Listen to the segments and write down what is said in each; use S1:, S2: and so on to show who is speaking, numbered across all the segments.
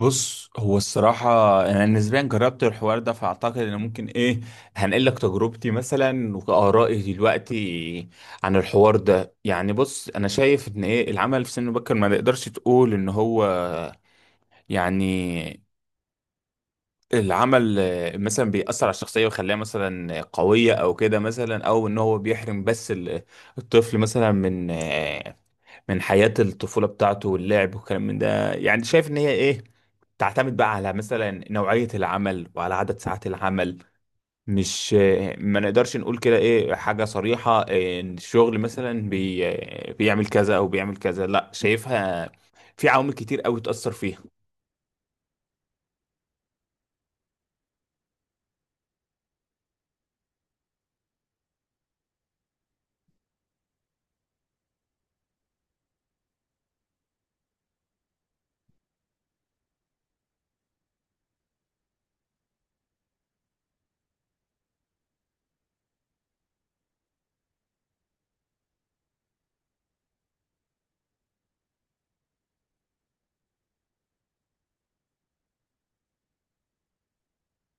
S1: بص، هو الصراحة أنا نسبيا جربت الحوار ده فأعتقد إن ممكن إيه هنقل لك تجربتي مثلا وآرائي دلوقتي عن الحوار ده. يعني بص، أنا شايف إن إيه العمل في سن مبكر ما نقدرش تقول إن هو يعني العمل، مثلا بيأثر على الشخصية ويخليها مثلا قوية أو كده، مثلا، أو إن هو بيحرم، بس الطفل مثلا من حياة الطفولة بتاعته واللعب والكلام من ده. يعني شايف ان هي ايه، تعتمد بقى على مثلا نوعية العمل وعلى عدد ساعات العمل. مش ما نقدرش نقول كده ايه حاجة صريحة إيه، ان الشغل مثلا بيعمل كذا او بيعمل كذا، لا شايفها في عوامل كتير قوي تأثر فيها.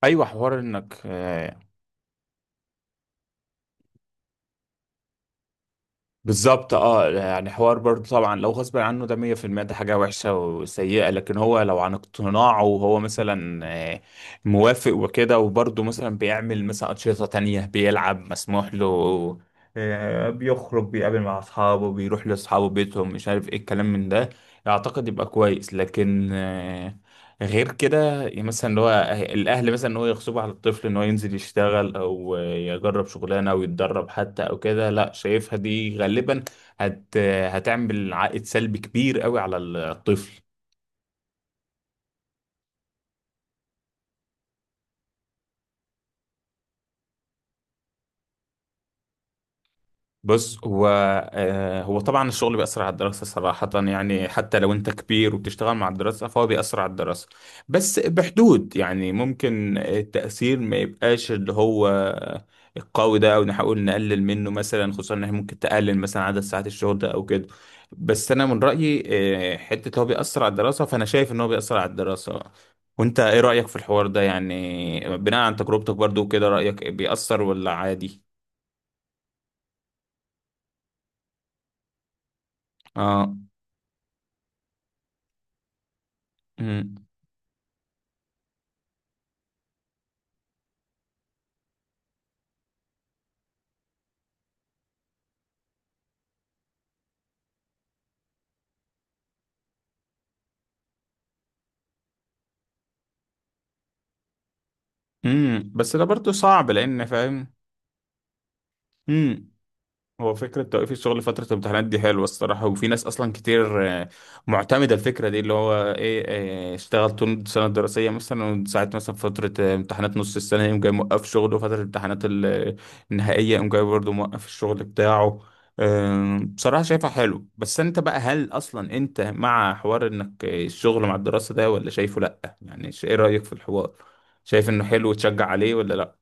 S1: ايوه، حوار انك بالظبط. اه يعني حوار برضه طبعا، لو غصب عنه ده 100%، ده حاجة وحشة وسيئة، لكن هو لو عن اقتناعه وهو مثلا آه، موافق وكده وبرضه مثلا بيعمل مثلا أنشطة تانية، بيلعب، مسموح له، بيخرج، بيقابل مع أصحابه، بيروح لأصحابه، بيتهم، مش عارف ايه الكلام من ده، أعتقد يبقى كويس. لكن غير كده بقى مثلا اللي هو، الاهل مثلا ان هو يغصبوا على الطفل ان هو ينزل يشتغل او يجرب شغلانه او يتدرب حتى او كده، لا شايفها دي غالبا هت هتعمل عائد سلبي كبير قوي على الطفل. بص هو، هو طبعا الشغل بيأثر على الدراسة صراحة. يعني حتى لو انت كبير وبتشتغل مع الدراسة فهو بيأثر على الدراسة، بس بحدود. يعني ممكن التأثير ما يبقاش اللي هو القوي ده او نحاول نقلل منه مثلا، خصوصا ان احنا ممكن تقلل مثلا عدد ساعات الشغل ده او كده. بس انا من رأيي، حتة هو بيأثر على الدراسة فانا شايف ان هو بيأثر على الدراسة. وانت ايه رأيك في الحوار ده؟ يعني بناء عن تجربتك برضو كده، رأيك بيأثر ولا عادي؟ اه. مم. بس ده برضه صعب، لان فاهم. امم هو فكره توقيف الشغل فتره الامتحانات دي حلوه الصراحه، وفي ناس اصلا كتير معتمده الفكره دي اللي هو ايه، اشتغل طول السنه الدراسيه مثلا وساعه مثلا فتره امتحانات نص السنه يقوم جاي موقف شغله، وفتره الامتحانات النهائيه يقوم جاي برضه موقف الشغل بتاعه. بصراحه شايفها حلو. بس انت بقى، هل اصلا انت مع حوار انك الشغل مع الدراسه ده، ولا شايفه لا؟ يعني ايه رايك في الحوار، شايف انه حلو وتشجع عليه ولا لا؟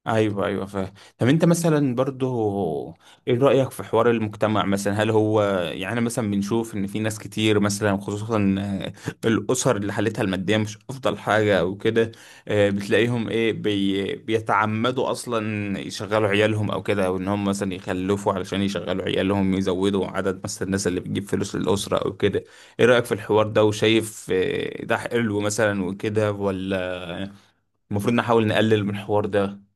S1: ايوه، ايوه، فاهم. طب انت مثلا برضو، ايه رأيك في حوار المجتمع مثلا؟ هل هو يعني، أنا مثلا بنشوف ان في ناس كتير مثلا، خصوصا الاسر اللي حالتها المادية مش افضل حاجة او كده، بتلاقيهم ايه بيتعمدوا اصلا يشغلوا عيالهم او كده، او ان هم مثلا يخلفوا علشان يشغلوا عيالهم، يزودوا عدد مثلا الناس اللي بتجيب فلوس للأسرة او كده. ايه رأيك في الحوار ده؟ وشايف ده حلو مثلا وكده ولا المفروض نحاول نقلل من الحوار ده؟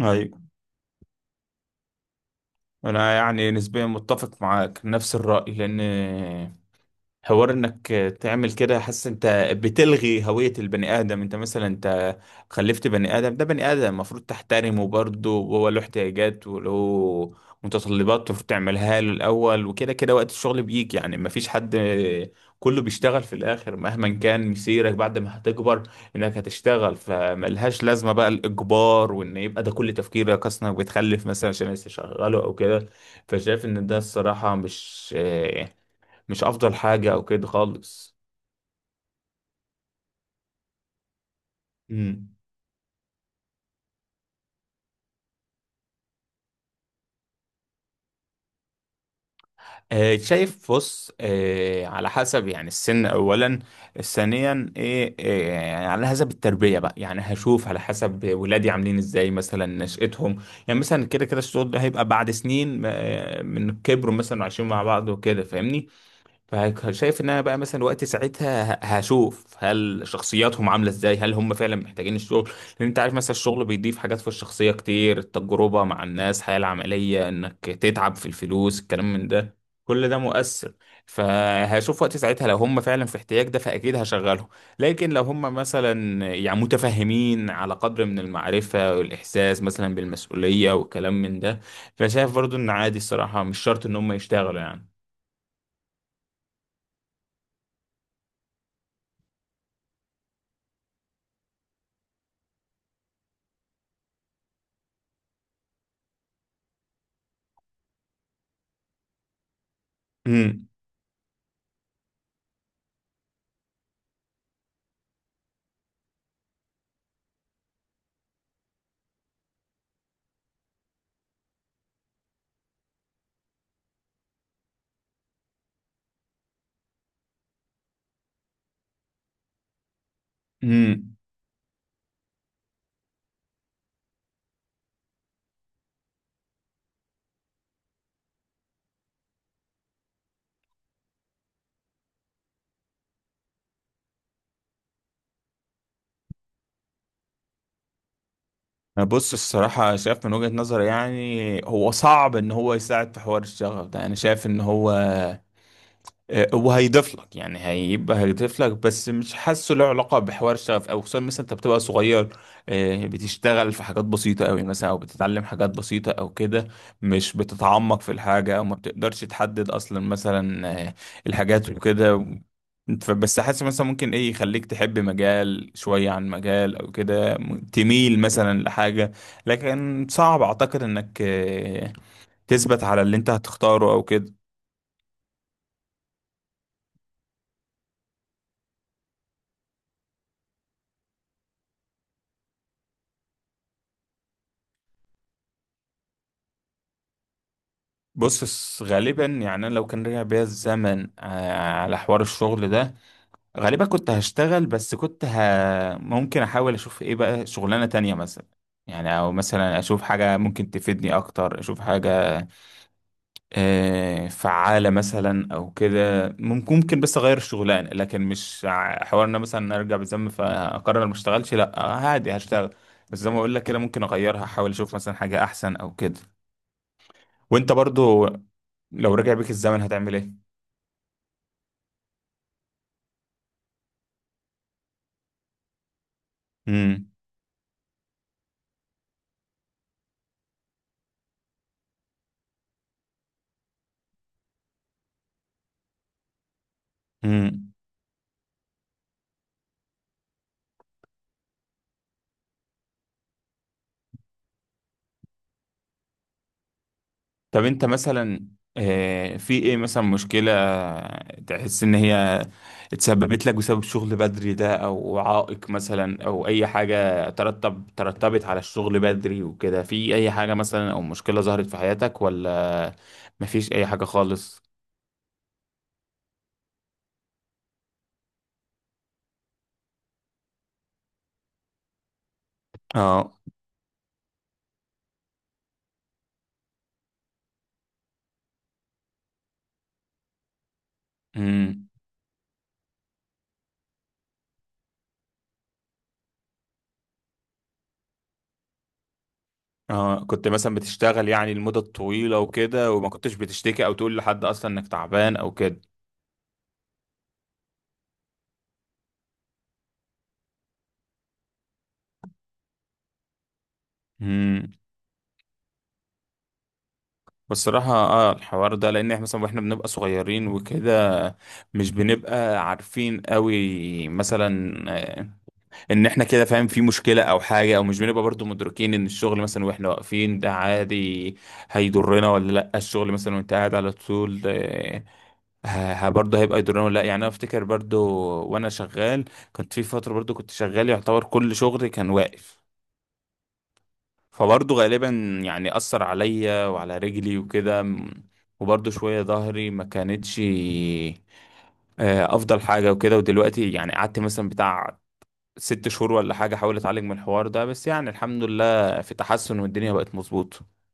S1: ايوه، انا يعني نسبيا متفق معاك نفس الرأي، لان حوار انك تعمل كده حاسس انت بتلغي هوية البني ادم. انت مثلا انت خلفت بني ادم، ده بني ادم المفروض تحترمه برضه، وهو له احتياجات وله متطلبات المفروض تعملها له الاول وكده كده. وقت الشغل بيجي يعني، مفيش حد، كله بيشتغل في الاخر مهما كان مسيرك بعد ما هتكبر انك هتشتغل، فملهاش لازمة بقى الاجبار، وان يبقى ده كل تفكيرك اصلا بتخلف مثلا عشان لسه شغاله او كده. فشايف ان ده الصراحة مش افضل حاجة او كده خالص. امم. شايف بص، على حسب يعني السن اولا، ثانيا ايه، يعني على حسب التربيه بقى. يعني هشوف على حسب ولادي عاملين ازاي، مثلا نشأتهم. يعني مثلا كده كده الشغل ده هيبقى بعد سنين من كبروا مثلا وعايشين مع بعض وكده فاهمني. فشايف ان انا بقى مثلا وقت ساعتها هشوف هل شخصياتهم عامله ازاي، هل هم فعلا محتاجين الشغل، لان انت عارف مثلا الشغل بيضيف حاجات في الشخصيه كتير، التجربه مع الناس، الحياه العمليه، انك تتعب في الفلوس، الكلام من ده. كل ده مؤثر. فهشوف وقت ساعتها لو هم فعلا في احتياج ده فاكيد هشغلهم، لكن لو هم مثلا يعني متفهمين على قدر من المعرفه والاحساس مثلا بالمسؤوليه والكلام من ده، فشايف برضو ان عادي الصراحه، مش شرط ان هم يشتغلوا يعني. امم بص الصراحة، شايف من وجهة نظري، يعني هو صعب ان هو يساعد في حوار الشغف ده. انا شايف ان هو وهيضيف لك يعني، هيبقى هيضيف لك، بس مش حاسه له علاقه بحوار الشغف. او خصوصا مثلا انت بتبقى صغير، بتشتغل في حاجات بسيطه قوي مثلا، او بتتعلم حاجات بسيطه او كده، مش بتتعمق في الحاجه، او ما بتقدرش تحدد اصلا مثلا الحاجات وكده. بس حاسس مثلا ممكن ايه يخليك تحب مجال شويه عن مجال او كده، تميل مثلا لحاجه، لكن صعب اعتقد انك تثبت على اللي انت هتختاره او كده. بص غالبا يعني، انا لو كان رجع بيا الزمن على حوار الشغل ده، غالبا كنت هشتغل، بس كنت ممكن احاول اشوف ايه بقى شغلانة تانية مثلا. يعني، او مثلا اشوف حاجة ممكن تفيدني اكتر، اشوف حاجة فعالة مثلا او كده. ممكن بس اغير الشغلانة، لكن مش حوار ان أنا مثلا ارجع بالزمن فاقرر ما اشتغلش، لا عادي هشتغل. بس زي ما اقول لك كده ممكن اغيرها، احاول اشوف مثلا حاجة احسن او كده. وانت برضو لو رجع بيك الزمن هتعمل ايه؟ امم. امم. طب انت مثلا في ايه مثلا مشكلة تحس ان هي اتسببت لك بسبب الشغل بدري ده، او عائق مثلا، او اي حاجة ترتبت على الشغل بدري وكده، في اي حاجة مثلا او مشكلة ظهرت في حياتك ولا مفيش اي حاجة خالص؟ اه. امم. اه، كنت مثلا بتشتغل يعني لمدة طويلة وكده، وما كنتش بتشتكي او تقول لحد اصلا انك تعبان او كده؟ امم بصراحة الحوار ده، لان احنا مثلا واحنا بنبقى صغيرين وكده مش بنبقى عارفين قوي مثلا آه، ان احنا كده فاهم في مشكلة او حاجة، او مش بنبقى برضو مدركين ان الشغل مثلا واحنا واقفين ده عادي هيضرنا ولا لا، الشغل مثلا وانت قاعد على طول برضه هيبقى يضرنا ولا لا. يعني انا افتكر برضو، وانا شغال، كنت في فترة برضو كنت شغال يعتبر كل شغلي كان واقف، فبرضه غالبا يعني أثر عليا وعلى رجلي وكده، وبرضه شوية ظهري ما كانتش أفضل حاجة وكده. ودلوقتي يعني قعدت مثلا بتاع 6 شهور ولا حاجة أحاول أتعالج من الحوار ده، بس يعني الحمد لله في تحسن والدنيا بقت مظبوطة.